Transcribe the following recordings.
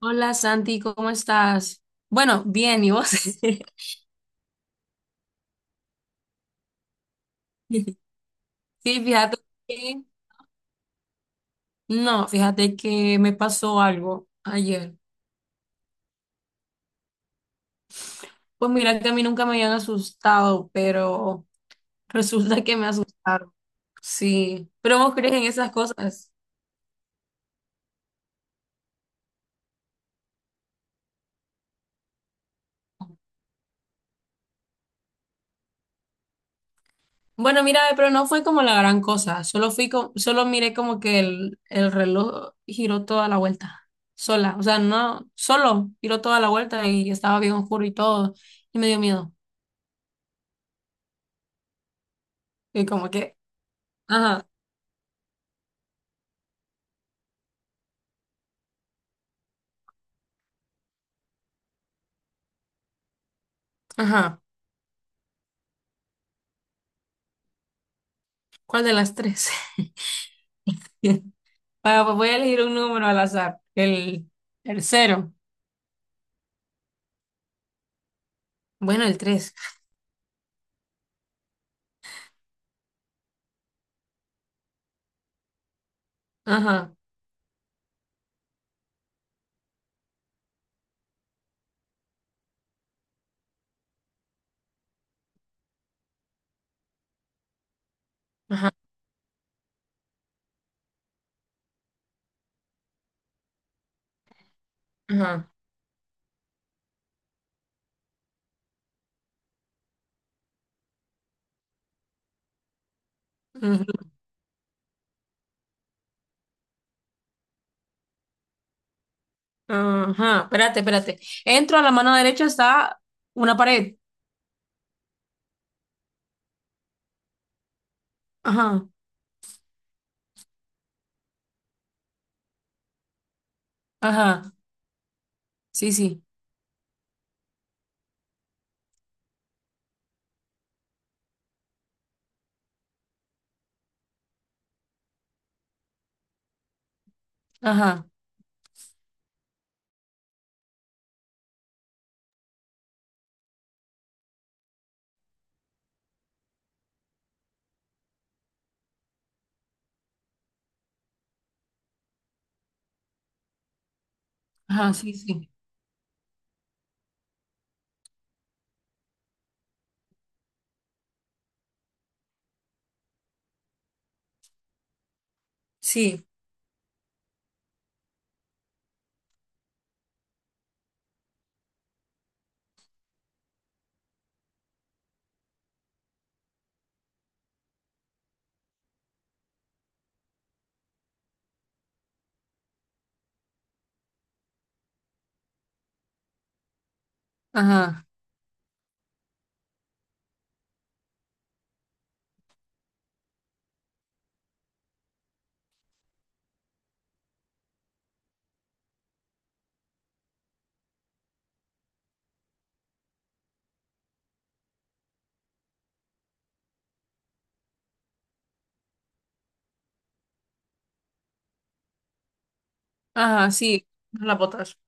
Hola Santi, ¿cómo estás? Bueno, bien, ¿y vos? Sí, fíjate que, no, fíjate que me pasó algo ayer. Pues mira que a mí nunca me habían asustado, pero resulta que me asustaron. Sí, pero vos crees en esas cosas. Bueno, mira, pero no fue como la gran cosa, solo solo miré como que el reloj giró toda la vuelta, sola, o sea, no, solo giró toda la vuelta y estaba bien oscuro y todo, y me dio miedo. Y como que ajá, ajá. ¿Cuál de las tres? Bueno, pues voy a elegir un número al azar. El cero. Bueno, el tres. Ajá, ajá, ajá. Ujú, ajá. Espérate, espérate. Entro a la mano derecha, está una pared. Ajá, ajá. Sí, sí. Ajá, ajá, sí, sí. Sí, ajá, ajá, sí. Las botas.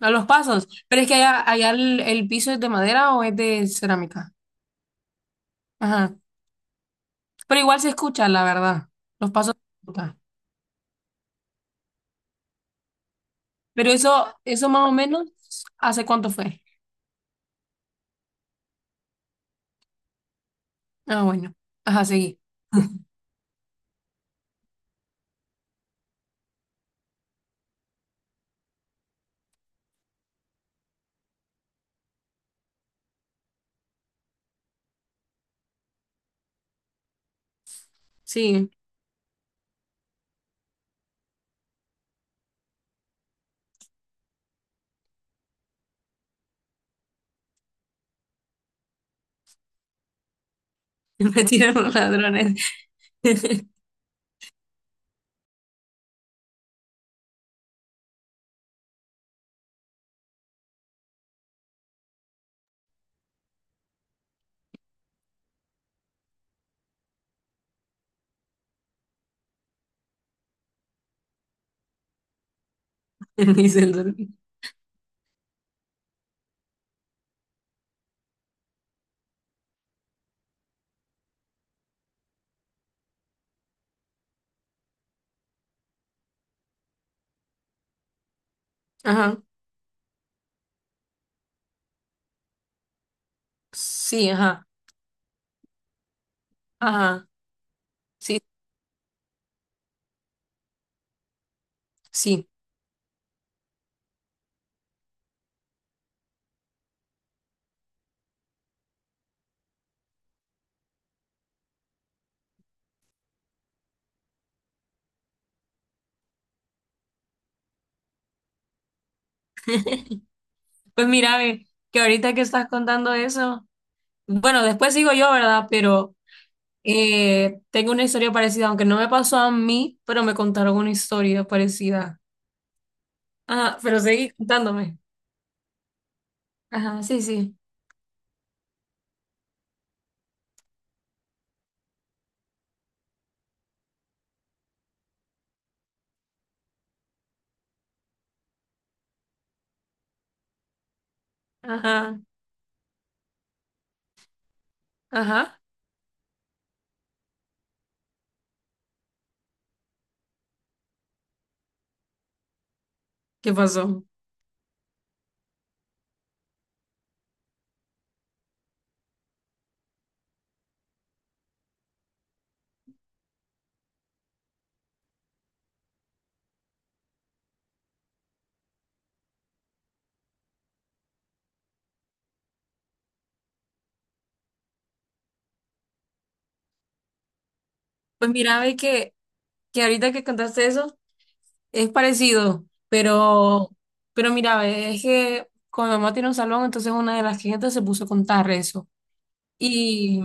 A los pasos. Pero es que allá, allá el piso es de madera o es de cerámica. Ajá. Pero igual se escucha, la verdad. Los pasos se escuchan. Pero eso más o menos, ¿hace cuánto fue? Ah, bueno. Ajá, seguí. Sí, me tiraron los ladrones en mi celular. Ajá. Sí, ajá. Ajá. Sí, sí. Pues mira, ve, que ahorita que estás contando eso, bueno, después sigo yo, ¿verdad? Pero tengo una historia parecida, aunque no me pasó a mí, pero me contaron una historia parecida. Ajá, pero seguí contándome. Ajá, sí, sí. Ajá, ajá. ¿Qué pasó? Pues mira, ve que ahorita que contaste eso es parecido, pero mira, ve, es que con mi mamá tiene un salón, entonces una de las clientes se puso a contar eso. Y,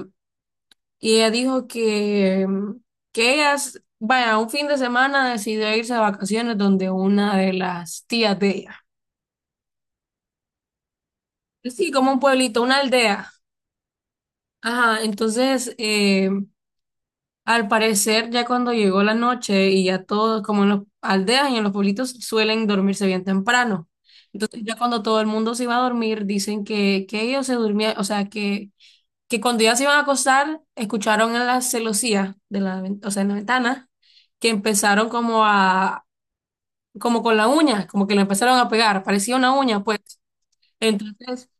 y ella dijo que, que ella, s- vaya, un fin de semana decidió irse de vacaciones donde una de las tías de ella. Sí, como un pueblito, una aldea. Ajá, entonces al parecer, ya cuando llegó la noche y ya todos, como en las aldeas y en los pueblitos, suelen dormirse bien temprano. Entonces, ya cuando todo el mundo se iba a dormir, dicen que ellos se durmían, o sea, que cuando ya se iban a acostar, escucharon en la celosía, de o sea, en la ventana, que empezaron como a, como con la uña, como que la empezaron a pegar, parecía una uña, pues. Entonces,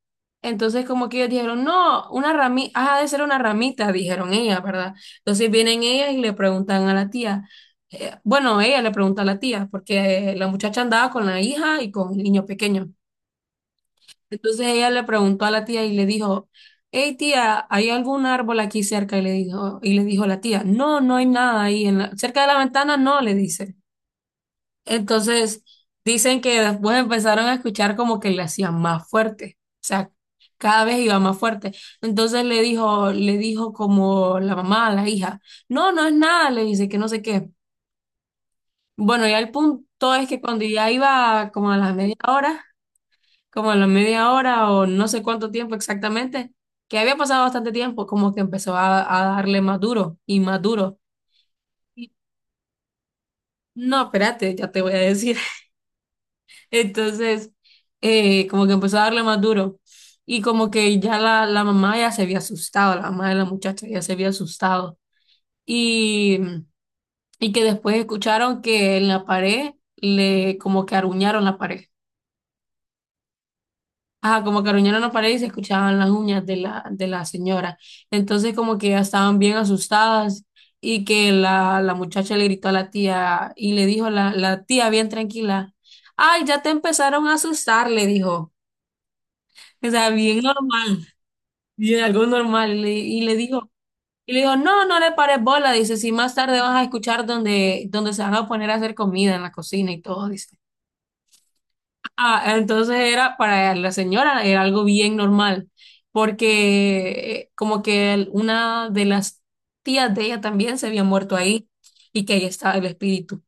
entonces, como que ellos dijeron, no, una ramita, ha de ser una ramita, dijeron ellas, ¿verdad? Entonces vienen ellas y le preguntan a la tía, bueno, ella le pregunta a la tía, porque la muchacha andaba con la hija y con el niño pequeño. Entonces ella le preguntó a la tía y le dijo, hey tía, ¿hay algún árbol aquí cerca? Y le dijo, la tía, no, no hay nada ahí, en cerca de la ventana no, le dice. Entonces, dicen que después empezaron a escuchar como que le hacían más fuerte, o sea, cada vez iba más fuerte. Entonces le dijo como la mamá a la hija, no, no es nada, le dice que no sé qué. Bueno, ya el punto es que cuando ya iba como a las media hora, como a la media hora o no sé cuánto tiempo exactamente, que había pasado bastante tiempo, como que empezó a darle más duro. Y, no, espérate, ya te voy a decir. Entonces, como que empezó a darle más duro. Y como que ya la mamá ya se había asustado, la mamá de la muchacha ya se había asustado. Y, y que después escucharon que en la pared le como que aruñaron la pared. Ah, como que aruñaron la pared y se escuchaban las uñas de la señora. Entonces como que ya estaban bien asustadas y que la muchacha le gritó a la tía y le dijo la tía bien tranquila, ay, ya te empezaron a asustar, le dijo. O sea, bien normal, bien algo normal. Y y le digo, no, no le pares bola. Dice, si más tarde vas a escuchar donde se van a poner a hacer comida en la cocina y todo, dice. Ah, entonces era para la señora, era algo bien normal, porque como que una de las tías de ella también se había muerto ahí y que ahí estaba el espíritu.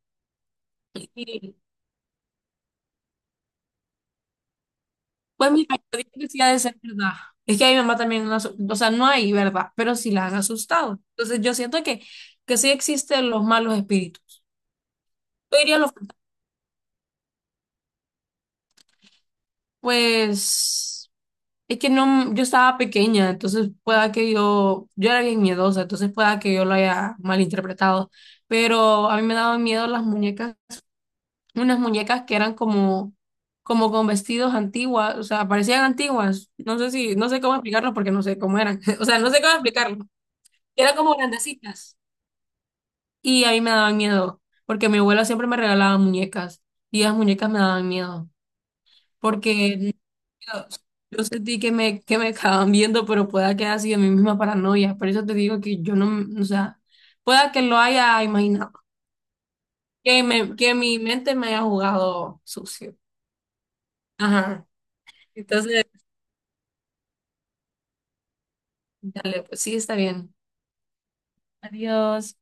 Pues mira, yo digo que sí ha de ser verdad. Es que a mi mamá también, o sea, no hay verdad, pero sí las han asustado. Entonces yo siento que sí existen los malos espíritus. Yo diría los, pues, es que no, yo estaba pequeña, entonces pueda que yo era bien miedosa, entonces pueda que yo lo haya malinterpretado, pero a mí me daban miedo las muñecas, unas muñecas que eran como, como con vestidos antiguas, o sea, parecían antiguas. No sé si, no sé cómo explicarlo porque no sé cómo eran. O sea, no sé cómo explicarlo. Eran como grandecitas. Y a mí me daban miedo, porque mi abuela siempre me regalaba muñecas. Y las muñecas me daban miedo, porque yo, yo sentí que que me acaban viendo, pero pueda que haya sido mi misma paranoia. Por eso te digo que yo no, o sea, pueda que lo haya imaginado, que mi mente me haya jugado sucio. Ajá. Entonces, dale, pues sí, está bien. Adiós.